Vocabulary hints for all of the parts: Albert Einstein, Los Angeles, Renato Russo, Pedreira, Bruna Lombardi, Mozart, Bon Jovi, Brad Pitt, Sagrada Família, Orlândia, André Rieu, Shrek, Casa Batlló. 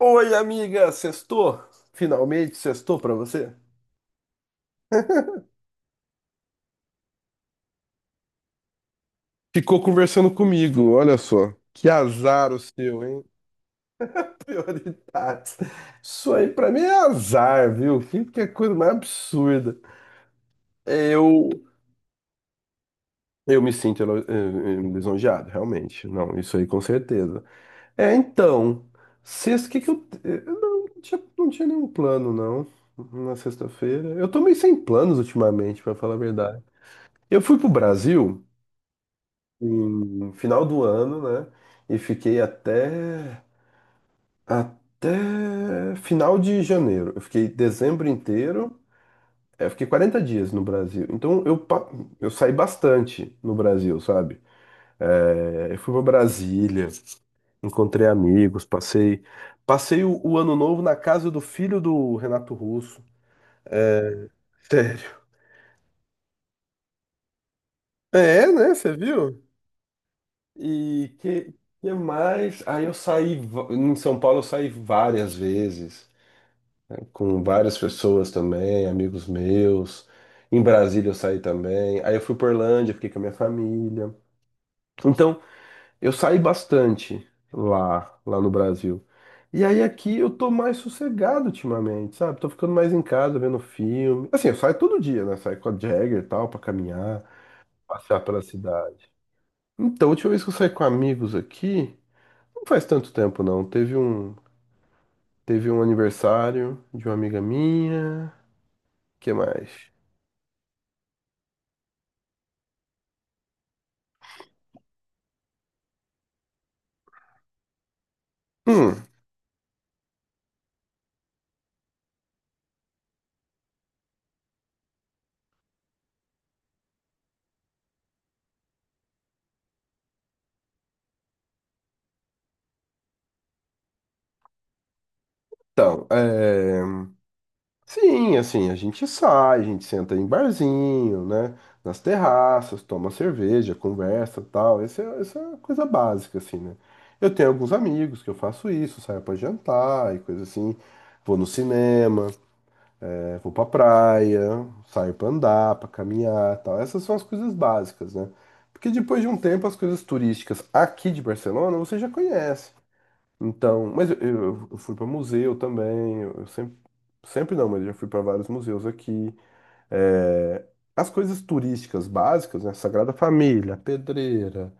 Oi, amiga, sextou? Finalmente sextou pra você? Ficou conversando comigo, olha só. Que azar o seu, hein? Prioridades. Isso aí pra mim é azar, viu? Que coisa mais absurda. Eu, eu me sinto lisonjeado, realmente. Não, isso aí com certeza. É, então, sexta, o que que eu... eh, eu Não, não tinha nenhum plano, não, na sexta-feira. Eu tô meio sem planos ultimamente, pra falar a verdade. Eu fui pro Brasil... no final do ano, né? E fiquei até final de janeiro. Eu fiquei dezembro inteiro. É, eu fiquei 40 dias no Brasil. Então eu saí bastante no Brasil, sabe? É, eu fui para Brasília, encontrei amigos, passei o ano novo na casa do filho do Renato Russo. Sério. É, né? Você viu? E que mais? Aí eu saí va- Em São Paulo eu saí várias vezes. Com várias pessoas também, amigos meus. Em Brasília eu saí também. Aí eu fui para Orlândia, fiquei com a minha família. Então, eu saí bastante lá no Brasil. E aí aqui eu tô mais sossegado ultimamente, sabe? Tô ficando mais em casa, vendo filme. Assim, eu saio todo dia, né? Saio com a Jagger e tal, pra caminhar, passear pela cidade. Então, a última vez que eu saí com amigos aqui, não faz tanto tempo não. Teve um aniversário de uma amiga minha. Que mais? Hum, Então, sim, assim, a gente sai, a gente senta em barzinho, né? Nas terraças, toma cerveja, conversa, tal. Essa é a coisa básica, assim, né? Eu tenho alguns amigos que eu faço isso, saio pra jantar e coisa assim. Vou no cinema, vou pra praia, saio pra andar, pra caminhar, tal. Essas são as coisas básicas, né? Porque depois de um tempo, as coisas turísticas aqui de Barcelona você já conhece. Então, mas eu fui para museu também, eu sempre, sempre não, mas eu já fui para vários museus aqui. É, as coisas turísticas básicas, né? Sagrada Família, Pedreira,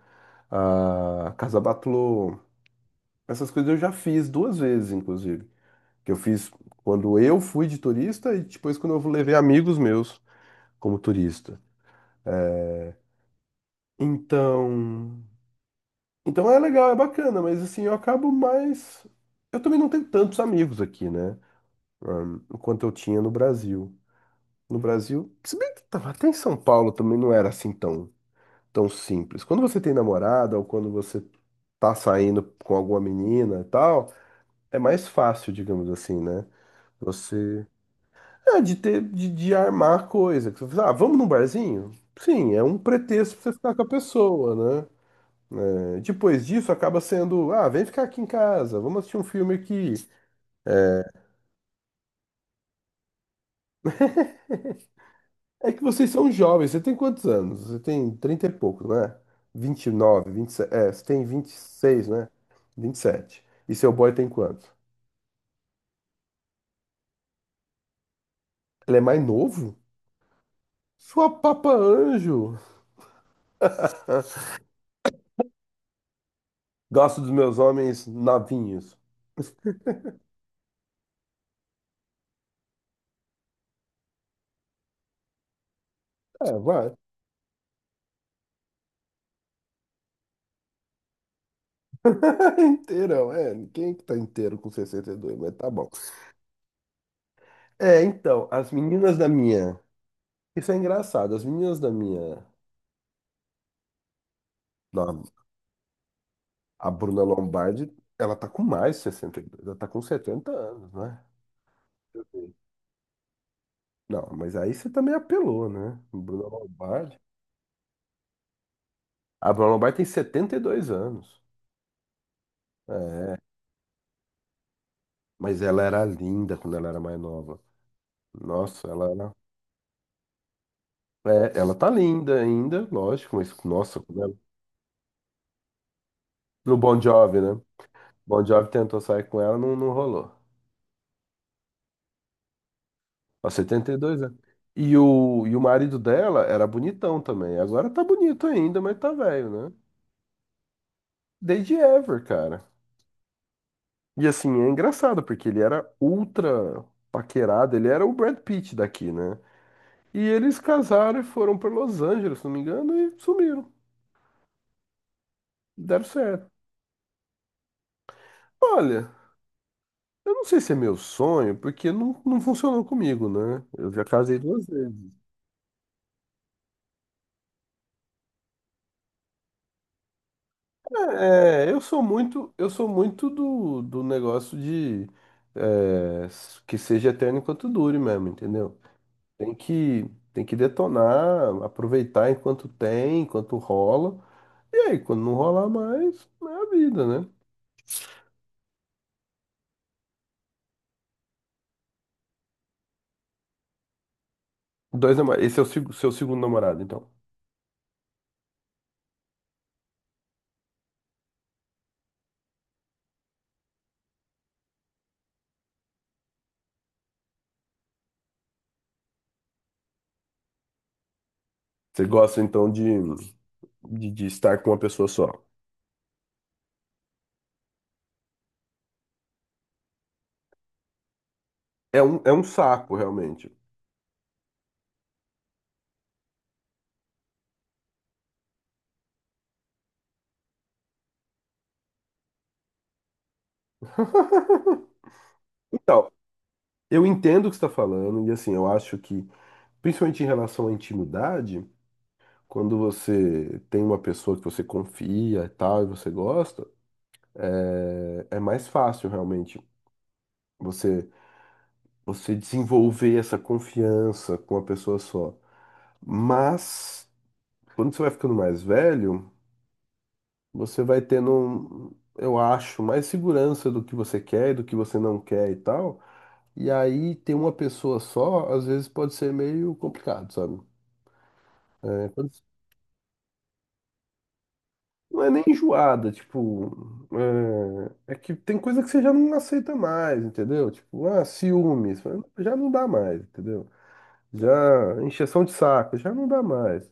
a Casa Batlló, essas coisas eu já fiz duas vezes, inclusive. Que eu fiz quando eu fui de turista e depois quando eu levei amigos meus como turista. Então, é legal, é bacana, mas assim, eu acabo mais. Eu também não tenho tantos amigos aqui, né? Quanto eu tinha no Brasil. No Brasil, se bem que tava até em São Paulo também não era assim tão simples. Quando você tem namorada ou quando você tá saindo com alguma menina e tal, é mais fácil, digamos assim, né? Você. É, de ter, de armar coisa. Que você fala, ah, vamos num barzinho? Sim, é um pretexto pra você ficar com a pessoa, né? É, depois disso acaba sendo, ah, vem ficar aqui em casa, vamos assistir um filme aqui. É que vocês são jovens. Você tem quantos anos? Você tem 30 e pouco, não é? 29, 27. É, você tem 26, né? 27. E seu boy tem quanto? Ele é mais novo? Sua papa anjo. Gosto dos meus homens novinhos. É, vai. Inteirão, é. Quem é que tá inteiro com 62? Mas tá bom. É, então, as meninas da minha. Isso é engraçado. As meninas da minha. da- a Bruna Lombardi, ela tá com mais de 62. Ela tá com 70 anos, né? Não, mas aí você também apelou, né? Bruna Lombardi. A Bruna Lombardi tem 72 anos. É, mas ela era linda quando ela era mais nova. Nossa, ela era. É, ela tá linda ainda, lógico, mas nossa, quando ela. No Bon Jovi, né? Bon Jovi tentou sair com ela, não, não rolou. Aos 72 anos. E o marido dela era bonitão também. Agora tá bonito ainda, mas tá velho, né? Desde Ever, cara. E assim, é engraçado, porque ele era ultra paquerado, ele era o Brad Pitt daqui, né? E eles casaram e foram para Los Angeles, se não me engano, e sumiram. Deram certo. Olha, eu não sei se é meu sonho, porque não, não funcionou comigo, né? Eu já casei duas vezes. É, eu sou muito do negócio de é, que seja eterno enquanto dure mesmo, entendeu? Tem que, tem que detonar, aproveitar enquanto tem, enquanto rola. E aí, quando não rolar mais, é a vida, né? Dois namorados. Esse é o seu segundo namorado, então. Você gosta, então, de estar com uma pessoa só. É um saco, realmente. Então, eu entendo o que você está falando, e assim, eu acho que, principalmente em relação à intimidade, quando você tem uma pessoa que você confia e tal, e você gosta, é mais fácil realmente você, você desenvolver essa confiança com a pessoa só. Mas. Quando você vai ficando mais velho, você vai tendo, eu acho, mais segurança do que você quer e do que você não quer e tal. E aí ter uma pessoa só, às vezes pode ser meio complicado, sabe? É, quando- Não é nem enjoada, tipo, é que tem coisa que você já não aceita mais, entendeu? Tipo, ah, ciúmes, já não dá mais, entendeu? Já, encheção de saco, já não dá mais.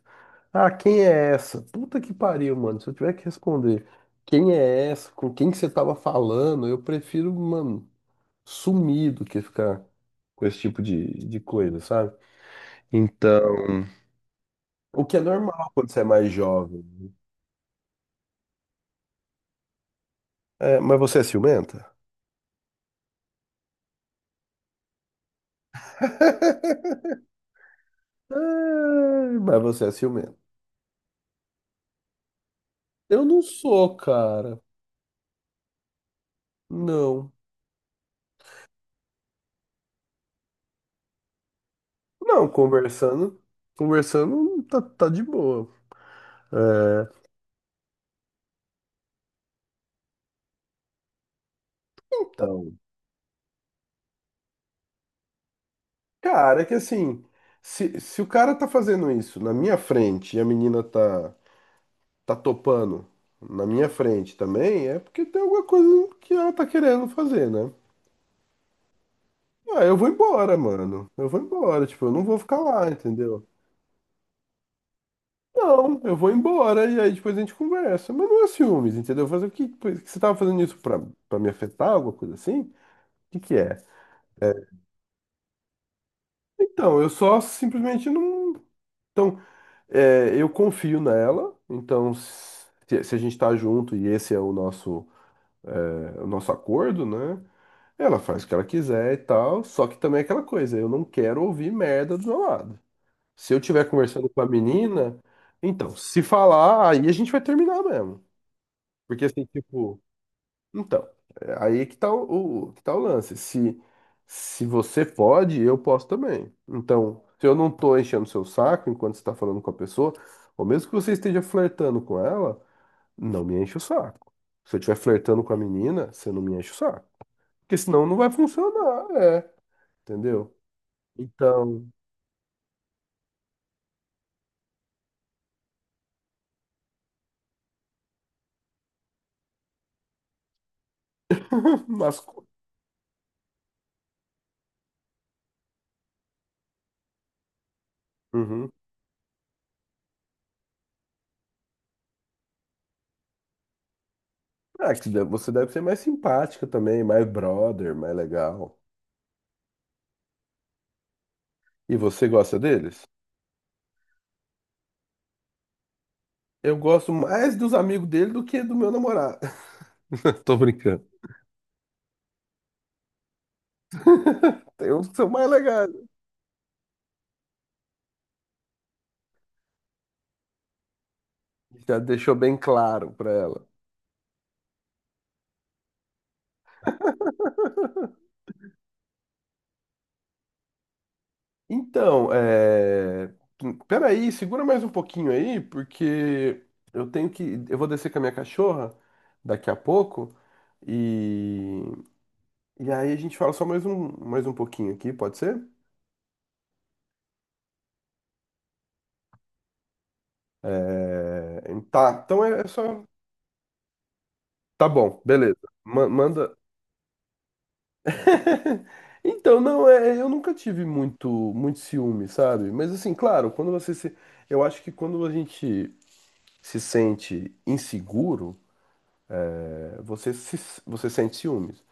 Ah, quem é essa? Puta que pariu, mano. Se eu tiver que responder quem é essa, com quem que você tava falando, eu prefiro, mano, sumir do que ficar com esse tipo de coisa, sabe? Então, o que é normal quando você é mais jovem. É, mas você é ciumenta? É, mas você é ciumenta. Eu não sou, cara. Não. Não, conversando tá de boa. Então. Cara, é que assim, se o cara tá fazendo isso na minha frente e a menina tá topando na minha frente também, é porque tem alguma coisa que ela tá querendo fazer, né? Ah, eu vou embora, mano. Eu vou embora, tipo, eu não vou ficar lá, entendeu? Não, eu vou embora e aí depois a gente conversa. Mas não é ciúmes, entendeu? Fazer o que, que você tava fazendo isso pra me afetar, alguma coisa assim? O que que é? Então, eu só simplesmente não. então É, eu confio nela, então se a gente tá junto e esse é o nosso, é, o nosso acordo, né? Ela faz o que ela quiser e tal, só que também é aquela coisa, eu não quero ouvir merda do meu lado. Se eu estiver conversando com a menina, então, se falar, aí a gente vai terminar mesmo. Porque assim, tipo, então, é aí que que tá o lance. Se você pode, eu posso também. Então, se eu não tô enchendo seu saco enquanto você tá falando com a pessoa, ou mesmo que você esteja flertando com ela, não me enche o saco. Se eu estiver flertando com a menina, você não me enche o saco. Porque senão não vai funcionar, é. Entendeu? Então, mas. Uhum. Ah, que você deve ser mais simpática também, mais brother, mais legal. E você gosta deles? Eu gosto mais dos amigos dele do que do meu namorado. Tô brincando. Tem uns que são mais legais. Já deixou bem claro pra ela. Então, peraí, segura mais um pouquinho aí, porque eu tenho que. Eu vou descer com a minha cachorra daqui a pouco. E, e aí a gente fala só mais um pouquinho aqui, pode ser? É, tá, então é só. Tá bom, beleza. Manda. Então, não, é, eu nunca tive muito, muito ciúme, sabe? Mas assim, claro, quando você se. Eu acho que quando a gente se sente inseguro, eh, você se, você sente ciúmes.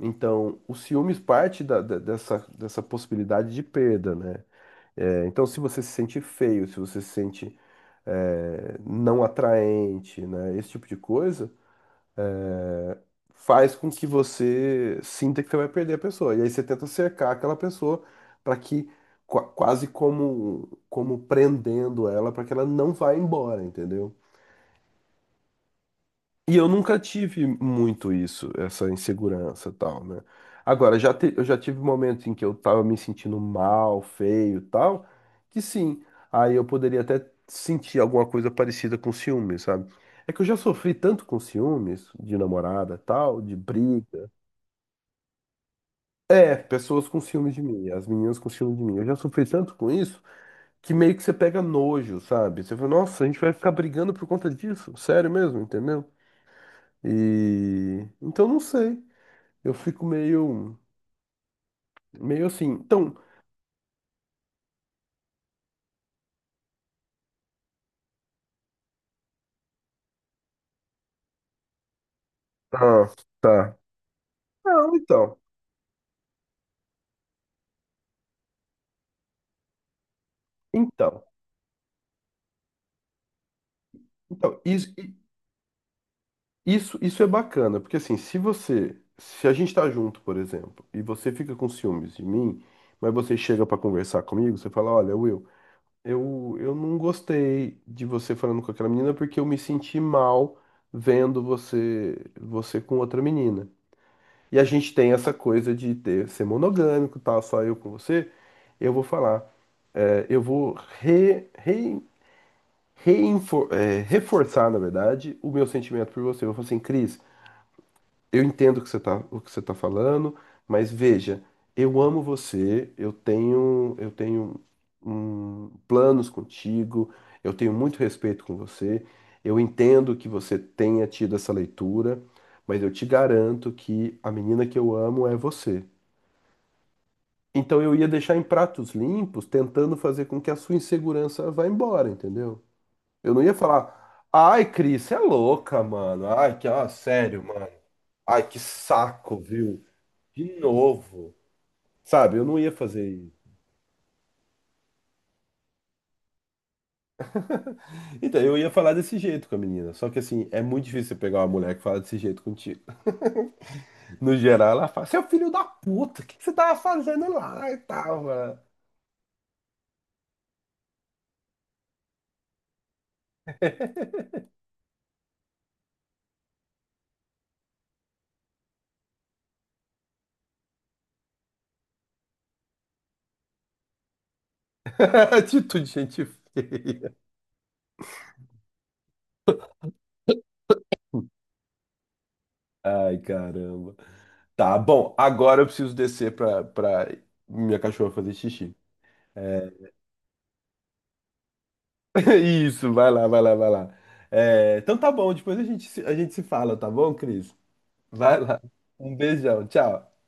Então, o ciúmes parte dessa possibilidade de perda, né? Então, se você se sente feio, se você se sente não atraente, né? Esse tipo de coisa faz com que você sinta que você vai perder a pessoa. E aí você tenta cercar aquela pessoa para que quase como prendendo ela para que ela não vá embora, entendeu? E eu nunca tive muito isso, essa insegurança e tal, né? Agora, eu já tive momentos em que eu tava me sentindo mal, feio e tal, que sim, aí eu poderia até sentir alguma coisa parecida com ciúmes, sabe? É que eu já sofri tanto com ciúmes, de namorada e tal, de briga. É, pessoas com ciúmes de mim, as meninas com ciúmes de mim. Eu já sofri tanto com isso que meio que você pega nojo, sabe? Você fala, nossa, a gente vai ficar brigando por conta disso? Sério mesmo, entendeu? E então não sei. Eu fico meio, meio assim. Então, ah, tá. Não, então, então, isso é bacana, porque assim, se a gente tá junto, por exemplo, e você fica com ciúmes de mim, mas você chega pra conversar comigo, você fala, olha, Will, eu não gostei de você falando com aquela menina porque eu me senti mal vendo você com outra menina. E a gente tem essa coisa de ter, ser monogâmico, e tal, só eu com você, eu vou falar. É, eu vou re, re, reforçar, na verdade, o meu sentimento por você. Eu vou falar assim, Cris, eu entendo o que você tá falando, mas veja, eu amo você, eu tenho planos contigo, eu tenho muito respeito com você, eu entendo que você tenha tido essa leitura, mas eu te garanto que a menina que eu amo é você. Então eu ia deixar em pratos limpos, tentando fazer com que a sua insegurança vá embora, entendeu? Eu não ia falar, ai, Cris, você é louca, mano. Ai, que, ó, sério, mano. Ai, que saco, viu? De novo. Sabe, eu não ia fazer isso. Então, eu ia falar desse jeito com a menina. Só que, assim, é muito difícil você pegar uma mulher que fala desse jeito contigo. No geral, ela fala, você é o filho da puta, o que que você tava fazendo lá e tal, mano? Atitude de gente feia. Ai, caramba. Tá, bom, agora eu preciso descer pra minha cachorra fazer xixi. É, Isso, vai lá, vai lá, vai lá. É, então tá bom, depois a gente se fala, tá bom, Cris? Vai lá. Um beijão, tchau.